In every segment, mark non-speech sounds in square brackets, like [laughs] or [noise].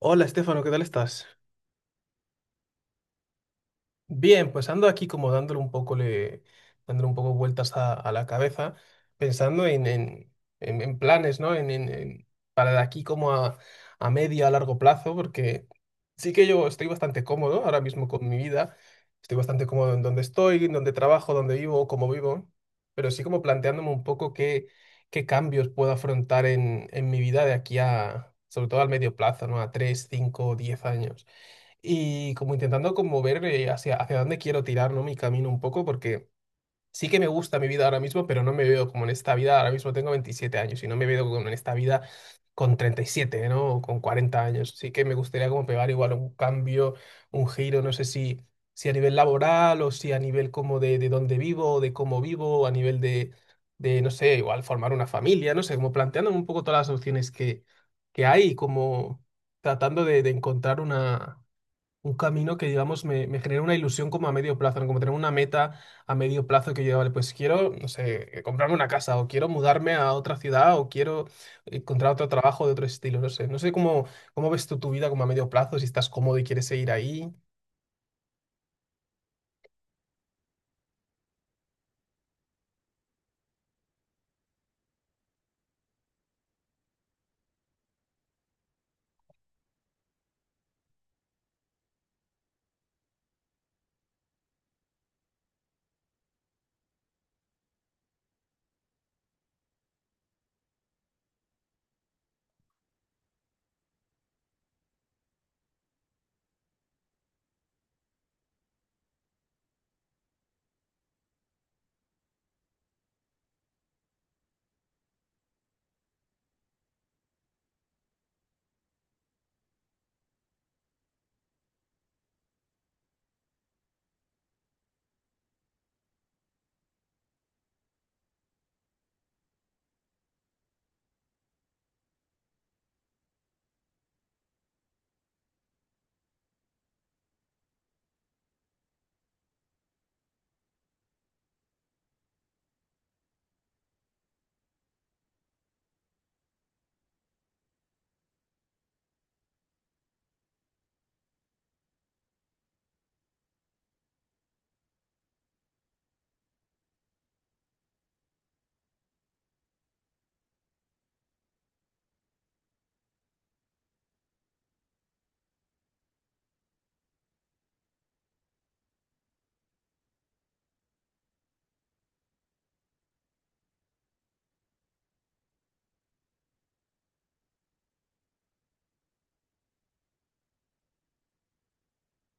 Hola, Estefano, ¿qué tal estás? Bien, pues ando aquí como dándole un poco, le, dándole un poco vueltas a la cabeza, pensando en en planes, ¿no? En para de aquí como a medio, a largo plazo, porque sí que yo estoy bastante cómodo ahora mismo con mi vida, estoy bastante cómodo en donde estoy, en donde trabajo, donde vivo, cómo vivo, pero sí como planteándome un poco qué, qué cambios puedo afrontar en mi vida de aquí a, sobre todo al medio plazo, ¿no? A 3, 5, 10 años y como intentando como ver hacia, hacia dónde quiero tirar, ¿no? Mi camino un poco, porque sí que me gusta mi vida ahora mismo, pero no me veo como en esta vida, ahora mismo tengo 27 años y no me veo como en esta vida con 37, ¿no? O con 40 años. Sí que me gustaría como pegar igual un cambio, un giro, no sé si, si a nivel laboral o si a nivel como de dónde vivo, de cómo vivo, o a nivel de no sé, igual formar una familia, no sé, como planteándome un poco todas las opciones que hay, como tratando de encontrar una un camino que, digamos, me genera una ilusión como a medio plazo, ¿no? Como tener una meta a medio plazo que yo, vale, pues quiero, no sé, comprarme una casa o quiero mudarme a otra ciudad o quiero encontrar otro trabajo de otro estilo, no sé. No sé cómo, cómo ves tú tu vida como a medio plazo, si estás cómodo y quieres seguir ahí.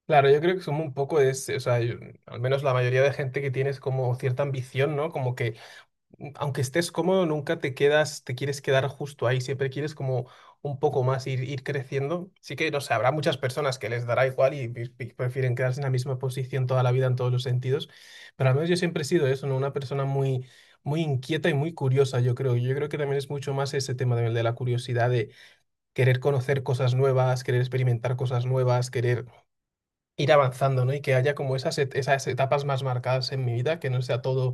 Claro, yo creo que somos un poco de ese, o sea, yo- al menos la mayoría de gente que tiene es como cierta ambición, ¿no? Como que mm, aunque estés cómodo, nunca te quedas, te quieres quedar justo ahí, siempre quieres como un poco más ir, ir creciendo. Sí que, no sé, habrá muchas personas que les dará igual y prefieren quedarse en la misma posición toda la vida en todos los sentidos, pero al menos yo siempre he sido eso, ¿no? Una persona muy, muy inquieta y muy curiosa, yo creo. Yo creo que también es mucho más ese tema de la curiosidad, de querer conocer cosas nuevas, querer experimentar cosas nuevas, querer ir avanzando, ¿no? Y que haya como esas, esas etapas más marcadas en mi vida, que no sea todo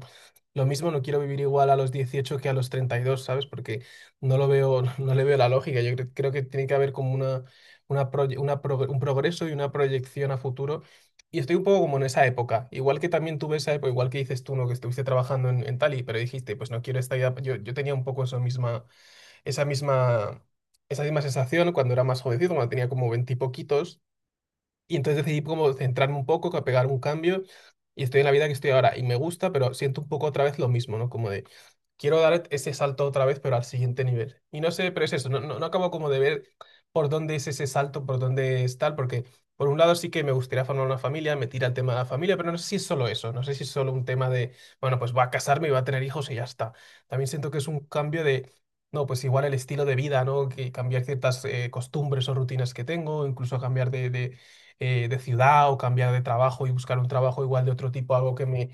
lo mismo, no quiero vivir igual a los 18 que a los 32, ¿sabes? Porque no lo veo, [laughs] no le veo la lógica. Yo creo que tiene que haber como una, un progreso y una proyección a futuro. Y estoy un poco como en esa época, igual que también tuve esa época, igual que dices tú, ¿no? Que estuviste trabajando en Tali, pero dijiste, pues no quiero esta vida. Yo tenía un poco esa misma, esa misma, esa misma sensación cuando era más jovencito, cuando tenía como 20 y poquitos y entonces decidí como centrarme un poco, que pegar un cambio y estoy en la vida que estoy ahora. Y me gusta, pero siento un poco otra vez lo mismo, ¿no? Como de, quiero dar ese salto otra vez, pero al siguiente nivel. Y no sé, pero es eso, no, no acabo como de ver por dónde es ese salto, por dónde es tal, porque por un lado sí que me gustaría formar una familia, me tira el tema de la familia, pero no sé si es solo eso, no sé si es solo un tema de, bueno, pues voy a casarme y voy a tener hijos y ya está. También siento que es un cambio de, no, pues igual el estilo de vida, ¿no? Que cambiar ciertas costumbres o rutinas que tengo, incluso cambiar de ciudad o cambiar de trabajo y buscar un trabajo igual de otro tipo, algo que me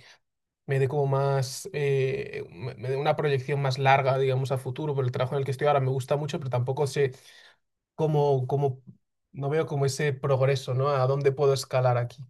me dé como más, me dé una proyección más larga, digamos, a futuro, pero el trabajo en el que estoy ahora me gusta mucho, pero tampoco sé cómo, no veo como ese progreso, ¿no? A dónde puedo escalar aquí.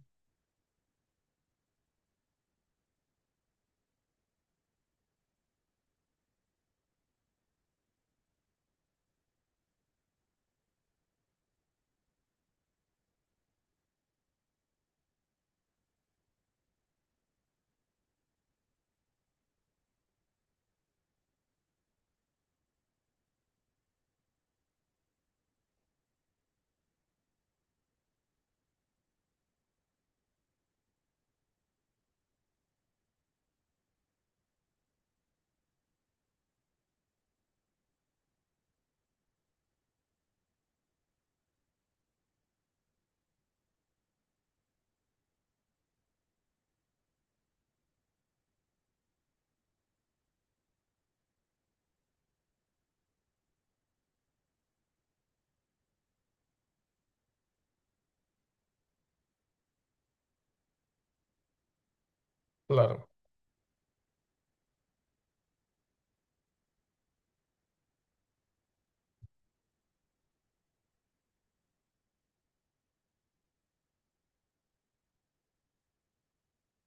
Claro,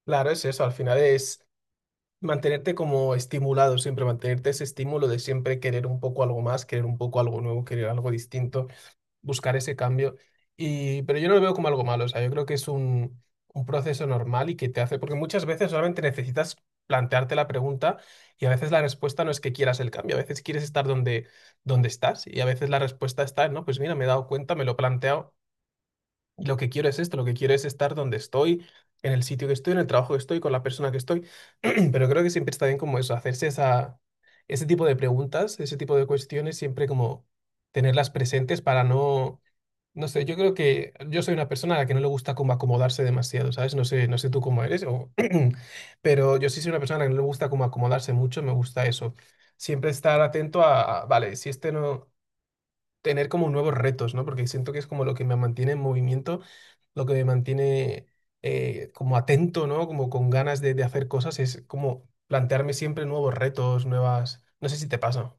claro, es eso, al final es mantenerte como estimulado siempre, mantenerte ese estímulo de siempre querer un poco algo más, querer un poco algo nuevo, querer algo distinto. Buscar ese cambio. Y, pero yo no lo veo como algo malo, o sea, yo creo que es un proceso normal y que te hace, porque muchas veces solamente necesitas plantearte la pregunta y a veces la respuesta no es que quieras el cambio, a veces quieres estar donde, donde estás y a veces la respuesta está, en, no, pues mira, me he dado cuenta, me lo he planteado, y lo que quiero es esto, lo que quiero es estar donde estoy, en el sitio que estoy, en el trabajo que estoy, con la persona que estoy, [clears throat] pero creo que siempre está bien como eso, hacerse esa, ese tipo de preguntas, ese tipo de cuestiones, siempre como tenerlas presentes para no no sé, yo creo que yo soy una persona a la que no le gusta como acomodarse demasiado, ¿sabes? No sé, no sé tú cómo eres, o... [clears throat] pero yo sí soy una persona a la que no le gusta como acomodarse mucho, me gusta eso. Siempre estar atento a vale, si este no, tener como nuevos retos, ¿no? Porque siento que es como lo que me mantiene en movimiento, lo que me mantiene como atento, ¿no? Como con ganas de hacer cosas, es como plantearme siempre nuevos retos, nuevas... No sé si te pasa.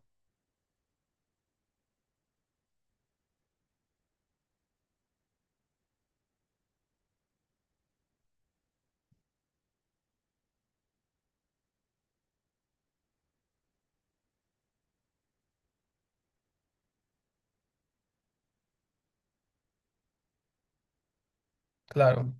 Claro.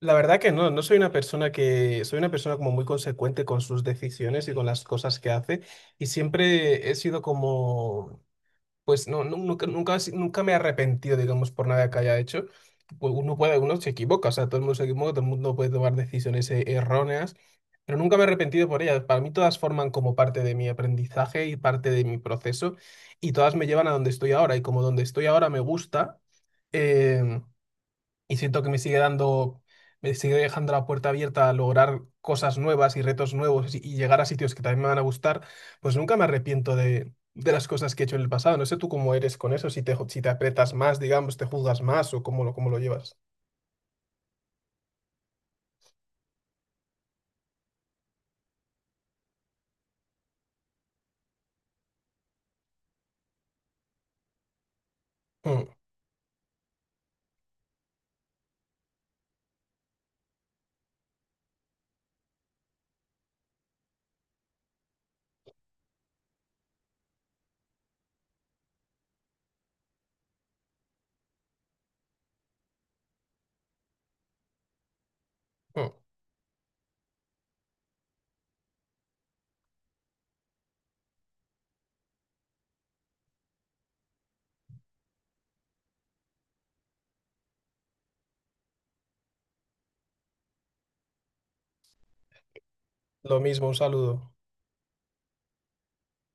La verdad que no, no soy una persona que, soy una persona como muy consecuente con sus decisiones y con las cosas que hace y siempre he sido como, pues no, nunca, nunca, he si- nunca me he arrepentido, digamos, por nada que haya hecho. Uno puede, uno se equivoca, o sea, todo el mundo se equivoca, todo el mundo puede tomar decisiones erróneas, pero nunca me he arrepentido por ellas. Para mí todas forman como parte de mi aprendizaje y parte de mi proceso y todas me llevan a donde estoy ahora y como donde estoy ahora me gusta. eh, y siento que me sigue dando, me sigue dejando la puerta abierta a lograr cosas nuevas y retos nuevos y llegar a sitios que también me van a gustar, pues nunca me arrepiento de las cosas que he hecho en el pasado. No sé tú cómo eres con eso, si te, si te aprietas más, digamos, te juzgas más o cómo lo llevas. Mm, mm. Lo mismo, un saludo.